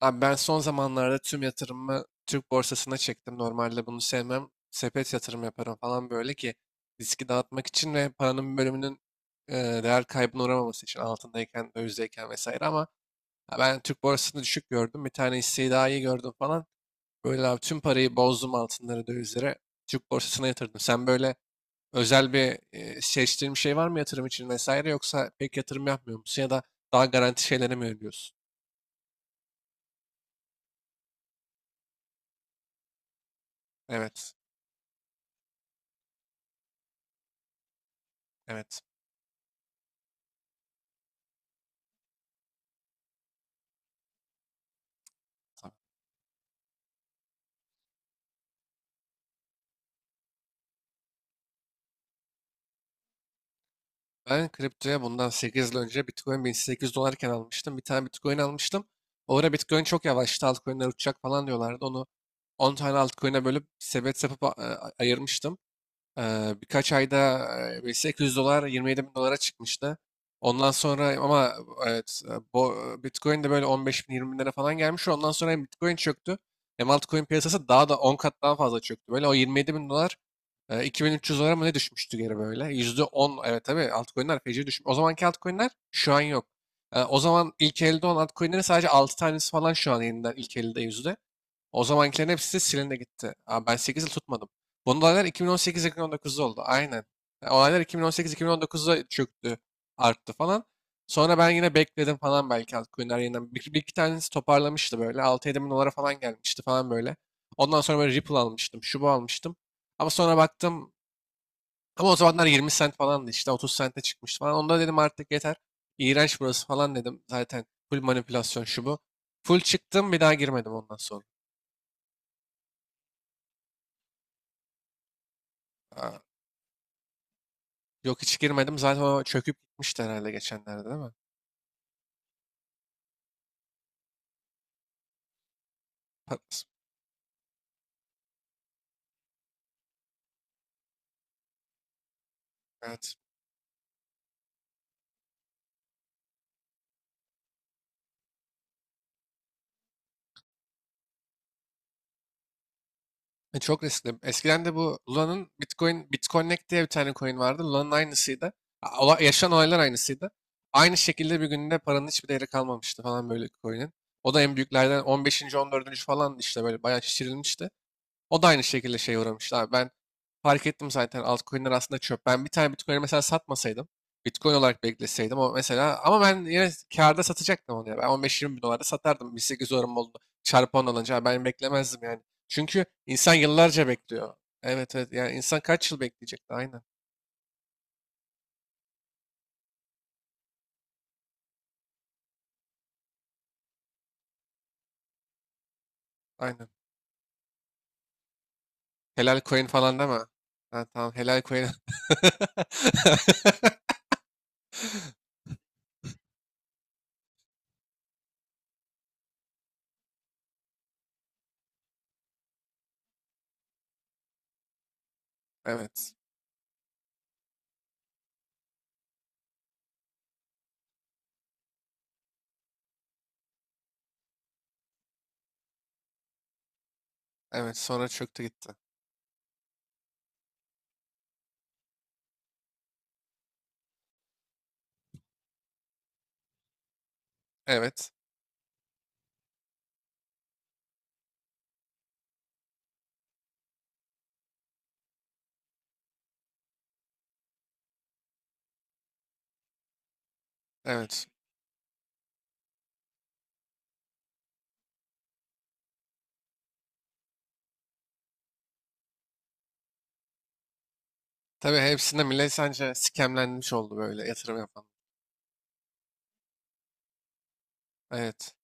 Abi ben son zamanlarda tüm yatırımımı Türk borsasına çektim. Normalde bunu sevmem. Sepet yatırım yaparım falan böyle ki riski dağıtmak için ve paranın bir bölümünün e, değer kaybına uğramaması için altındayken, dövizdeyken vesaire. Ama ha, ben Türk borsasını düşük gördüm. Bir tane hisseyi daha iyi gördüm falan. Böyle abi tüm parayı bozdum altınlara, dövizlere. Türk borsasına yatırdım. Sen böyle özel bir seçtiğin bir şey var mı yatırım için vesaire, yoksa pek yatırım yapmıyor musun ya da daha garanti şeylere mi yöneliyorsun? Evet, evet. Ben kriptoya bundan 8 yıl önce Bitcoin 1800 dolarken almıştım. Bir tane Bitcoin almıştım. O ara Bitcoin çok yavaştı. Altcoin'ler uçacak falan diyorlardı. Onu 10 tane altcoin'e bölüp sepet yapıp ayırmıştım. Birkaç ayda 800 dolar 27 bin dolara çıkmıştı. Ondan sonra ama evet Bitcoin de böyle 15 bin 20 binlere falan gelmiş. Ondan sonra hem Bitcoin çöktü hem altcoin piyasası daha da 10 kat daha fazla çöktü. Böyle o 27 bin dolar 2300 dolara mı ne düşmüştü geri böyle. %10, evet, tabii altcoinler feci düşmüş. O zamanki altcoinler şu an yok. O zaman ilk elde olan altcoinlerin sadece 6 tanesi falan şu an yeniden ilk elde yüzde. O zamankilerin hepsi de silindi gitti. Abi ben 8 yıl tutmadım. Bu olaylar 2018-2019'da oldu. Aynen. Yani olaylar 2018-2019'da çöktü, arttı falan. Sonra ben yine bekledim falan, belki altcoin'ler yeniden. Bir iki tanesi toparlamıştı böyle. 6-7 bin dolara falan gelmişti falan böyle. Ondan sonra böyle Ripple almıştım. Şu bu almıştım. Ama sonra baktım. Ama o zamanlar 20 cent falandı işte. 30 cent'e çıkmıştı falan. Onda dedim artık yeter. İğrenç burası falan dedim. Zaten full manipülasyon şu bu. Full çıktım, bir daha girmedim ondan sonra. Aa, yok, hiç girmedim. Zaten o çöküp gitmişti herhalde geçenlerde, değil mi? Pat- Evet. Çok riskli. Eskiden de bu Luna'nın, Bitcoin, Bitconnect diye bir tane coin vardı. Luna'nın aynısıydı. Yaşanan olaylar aynısıydı. Aynı şekilde bir günde paranın hiçbir değeri kalmamıştı falan böyle coin'in. O da en büyüklerden 15. 14. falan işte böyle bayağı şişirilmişti. O da aynı şekilde şeye uğramıştı abi. Ben fark ettim zaten altcoin'ler aslında çöp. Ben bir tane Bitcoin'i mesela satmasaydım, Bitcoin olarak bekleseydim o mesela, ama ben yine kârda satacaktım onu ya. Ben 15-20 bin dolarda satardım. 1800 dolarım oldu. Çarpı 10 alınca, abi, ben beklemezdim yani. Çünkü insan yıllarca bekliyor. Evet, evet, yani insan kaç yıl bekleyecek? Aynen, aynen. Helal coin falan deme. Ha, tamam, helal coin. Evet. Evet, sonra çöktü gitti. Evet. Evet. Tabii hepsinde millet sence scamlenmiş oldu böyle yatırım yapan. Evet.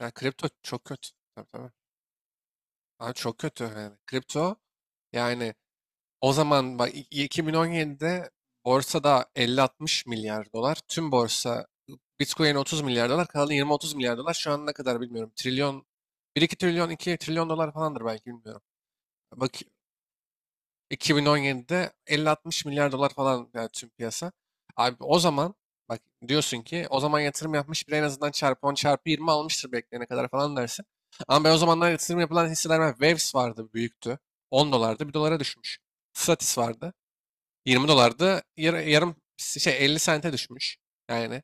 Ya kripto çok kötü. Tabii, tabii. Abi çok kötü yani. Kripto yani o zaman bak, 2017'de borsada 50-60 milyar dolar. Tüm borsa Bitcoin 30 milyar dolar. Kalan 20-30 milyar dolar. Şu an ne kadar bilmiyorum. Trilyon. Bir 2 trilyon, iki trilyon dolar falandır belki, bilmiyorum. Bak, 2017'de 50-60 milyar dolar falan, yani tüm piyasa. Abi o zaman bak, diyorsun ki o zaman yatırım yapmış biri en azından çarpı 10 çarpı 20 almıştır bekleyene kadar falan dersin. Ama ben o zamanlar yatırım yapılan hisseler var. Waves vardı, büyüktü. 10 dolardı, bir dolara düşmüş. Stratis vardı. 20 dolardı. Yarım şey, 50 sente düşmüş. Yani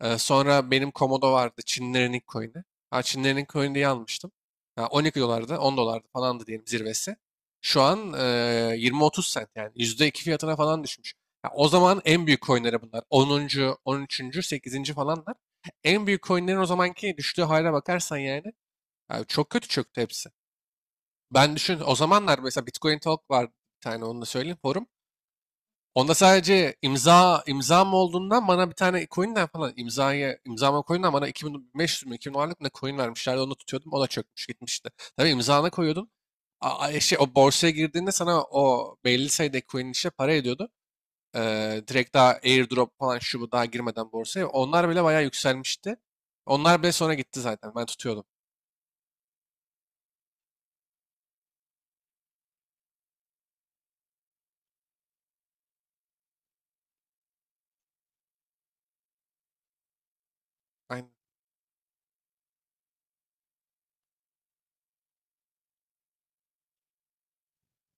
Sonra benim Komodo vardı. Çinlerin ilk coin'i. Ha, Çinlerin ilk coin'i diye almıştım. Ha, 12 dolardı, 10 dolardı falandı diyelim zirvesi. Şu an 20-30 sent, yani %2 fiyatına falan düşmüş. Ha, o zaman en büyük coin'leri bunlar. 10. 13. 8. falanlar. En büyük coin'lerin o zamanki düştüğü hale bakarsan yani, yani çok kötü çöktü hepsi. Ben düşün o zamanlar mesela Bitcoin Talk vardı bir tane, onu da söyleyeyim, forum. Onda sadece imzam olduğundan bana bir tane coin'den falan imzama coin'den bana 2500 mü 2000 dolarlık ne coin vermişlerdi, onu tutuyordum, o da çökmüş gitmişti. Tabii imzana koyuyordun. Şey, o borsaya girdiğinde sana o belli sayıda coin işte para ediyordu. Direkt daha airdrop falan şu bu, daha girmeden borsaya. Onlar bile bayağı yükselmişti. Onlar bile sonra gitti zaten. Ben tutuyordum. Aynen.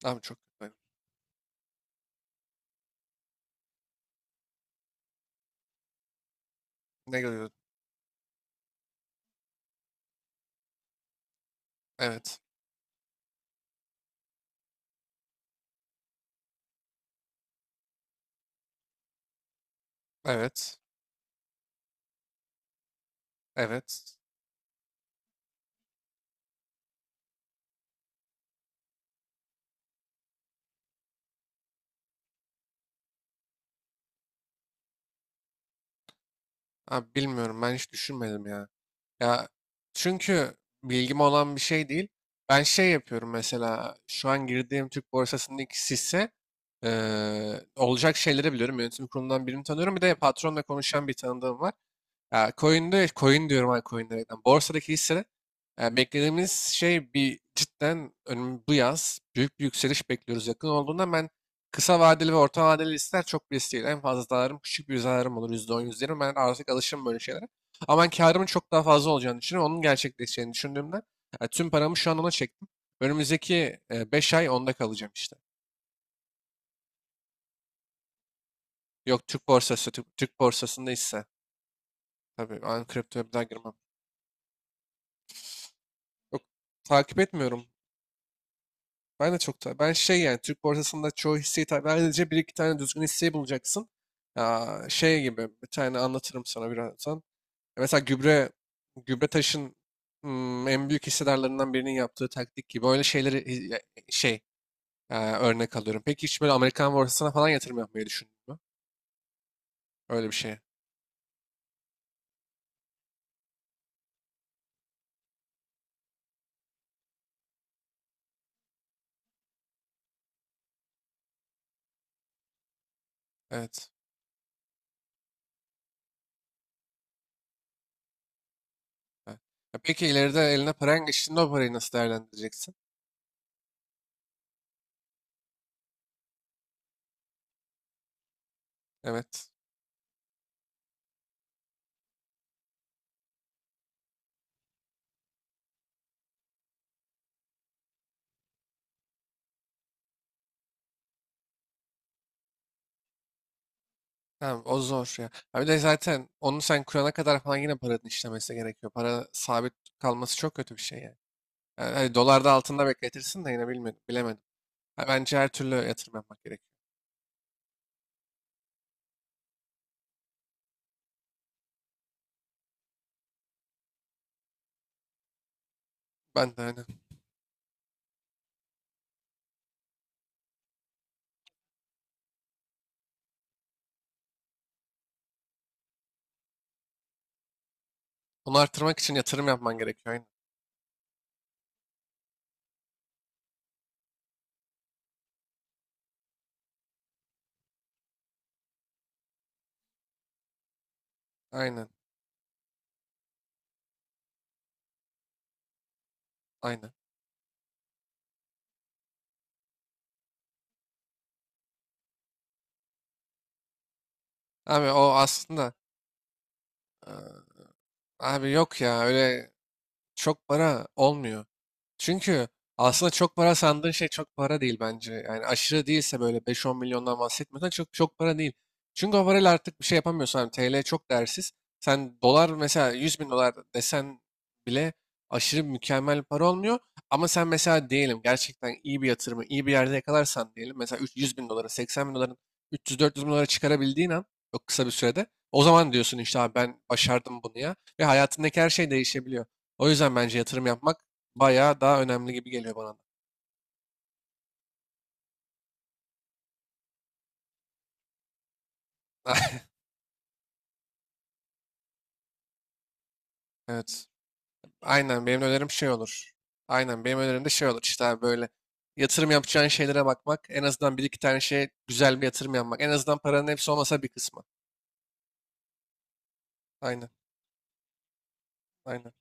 Abi çok. Ne görüyordum? Evet. Evet. Evet. Abi bilmiyorum, ben hiç düşünmedim ya. Ya çünkü bilgim olan bir şey değil. Ben şey yapıyorum mesela, şu an girdiğim Türk borsasındaki hisse olacak şeyleri biliyorum. Yönetim kurulundan birini tanıyorum. Bir de patronla konuşan bir tanıdığım var. Ya coin'de coin diyorum, ha, coin demekten. Borsadaki hisse beklediğimiz şey bir cidden bu yaz büyük bir yükseliş bekliyoruz. Yakın olduğundan ben kısa vadeli ve orta vadeli listeler çok risk değil. En fazla zararım, küçük bir zararım olur, %10, yüzde yirmi. Ben artık alışım böyle şeylere. Ama ben karımın çok daha fazla olacağını düşünüyorum. Onun gerçekleşeceğini düşündüğümden tüm paramı şu an ona çektim. Önümüzdeki 5 ay onda kalacağım işte. Yok, Türk borsası, Türk borsasında hisse. Tabii ben kriptoya bir daha girmem. Yok, takip etmiyorum. Ben de çok ben şey, yani Türk borsasında çoğu hisseyi, tabii, sadece bir iki tane düzgün hisseyi bulacaksın. Ya şey gibi bir tane anlatırım sana birazdan. Ya, mesela gübre taşın, en büyük hissedarlarından birinin yaptığı taktik gibi öyle şeyleri şey, örnek alıyorum. Peki hiç böyle Amerikan borsasına falan yatırım yapmayı düşündün mü? Öyle bir şeye. Evet. Ha. Ya peki, ileride eline paran geçtiğinde o parayı nasıl değerlendireceksin? Evet. Tamam, o zor ya. Ha, bir de zaten onu sen kurana kadar falan yine paranın işlemesi gerekiyor. Para sabit kalması çok kötü bir şey yani. Yani hani dolarda, altında bekletirsin de yine, bilmedim, bilemedim. Ha, bence her türlü yatırım yapmak gerekiyor. Ben de aynen. Onu arttırmak için yatırım yapman gerekiyor. Aynen. Aynen. Aynen. Abi o aslında e, abi yok ya, öyle çok para olmuyor. Çünkü aslında çok para sandığın şey çok para değil bence. Yani aşırı değilse böyle 5-10 milyondan bahsetmiyorsan çok çok para değil. Çünkü o parayla artık bir şey yapamıyorsun. Hani TL çok değersiz. Sen dolar, mesela 100 bin dolar desen bile aşırı mükemmel para olmuyor. Ama sen mesela diyelim gerçekten iyi bir yatırımı iyi bir yerde yakalarsan diyelim. Mesela 100 bin doları, 80 bin doların 300-400 bin dolara çıkarabildiğin an, çok kısa bir sürede. O zaman diyorsun işte, abi ben başardım bunu ya. Ve hayatındaki her şey değişebiliyor. O yüzden bence yatırım yapmak bayağı daha önemli gibi geliyor bana. Da. Evet. Aynen, benim de önerim şey olur. Aynen, benim önerim de şey olur işte abi, böyle yatırım yapacağın şeylere bakmak. En azından bir iki tane şeye güzel bir yatırım yapmak. En azından paranın hepsi olmasa bir kısmı. Aynen. Aynen.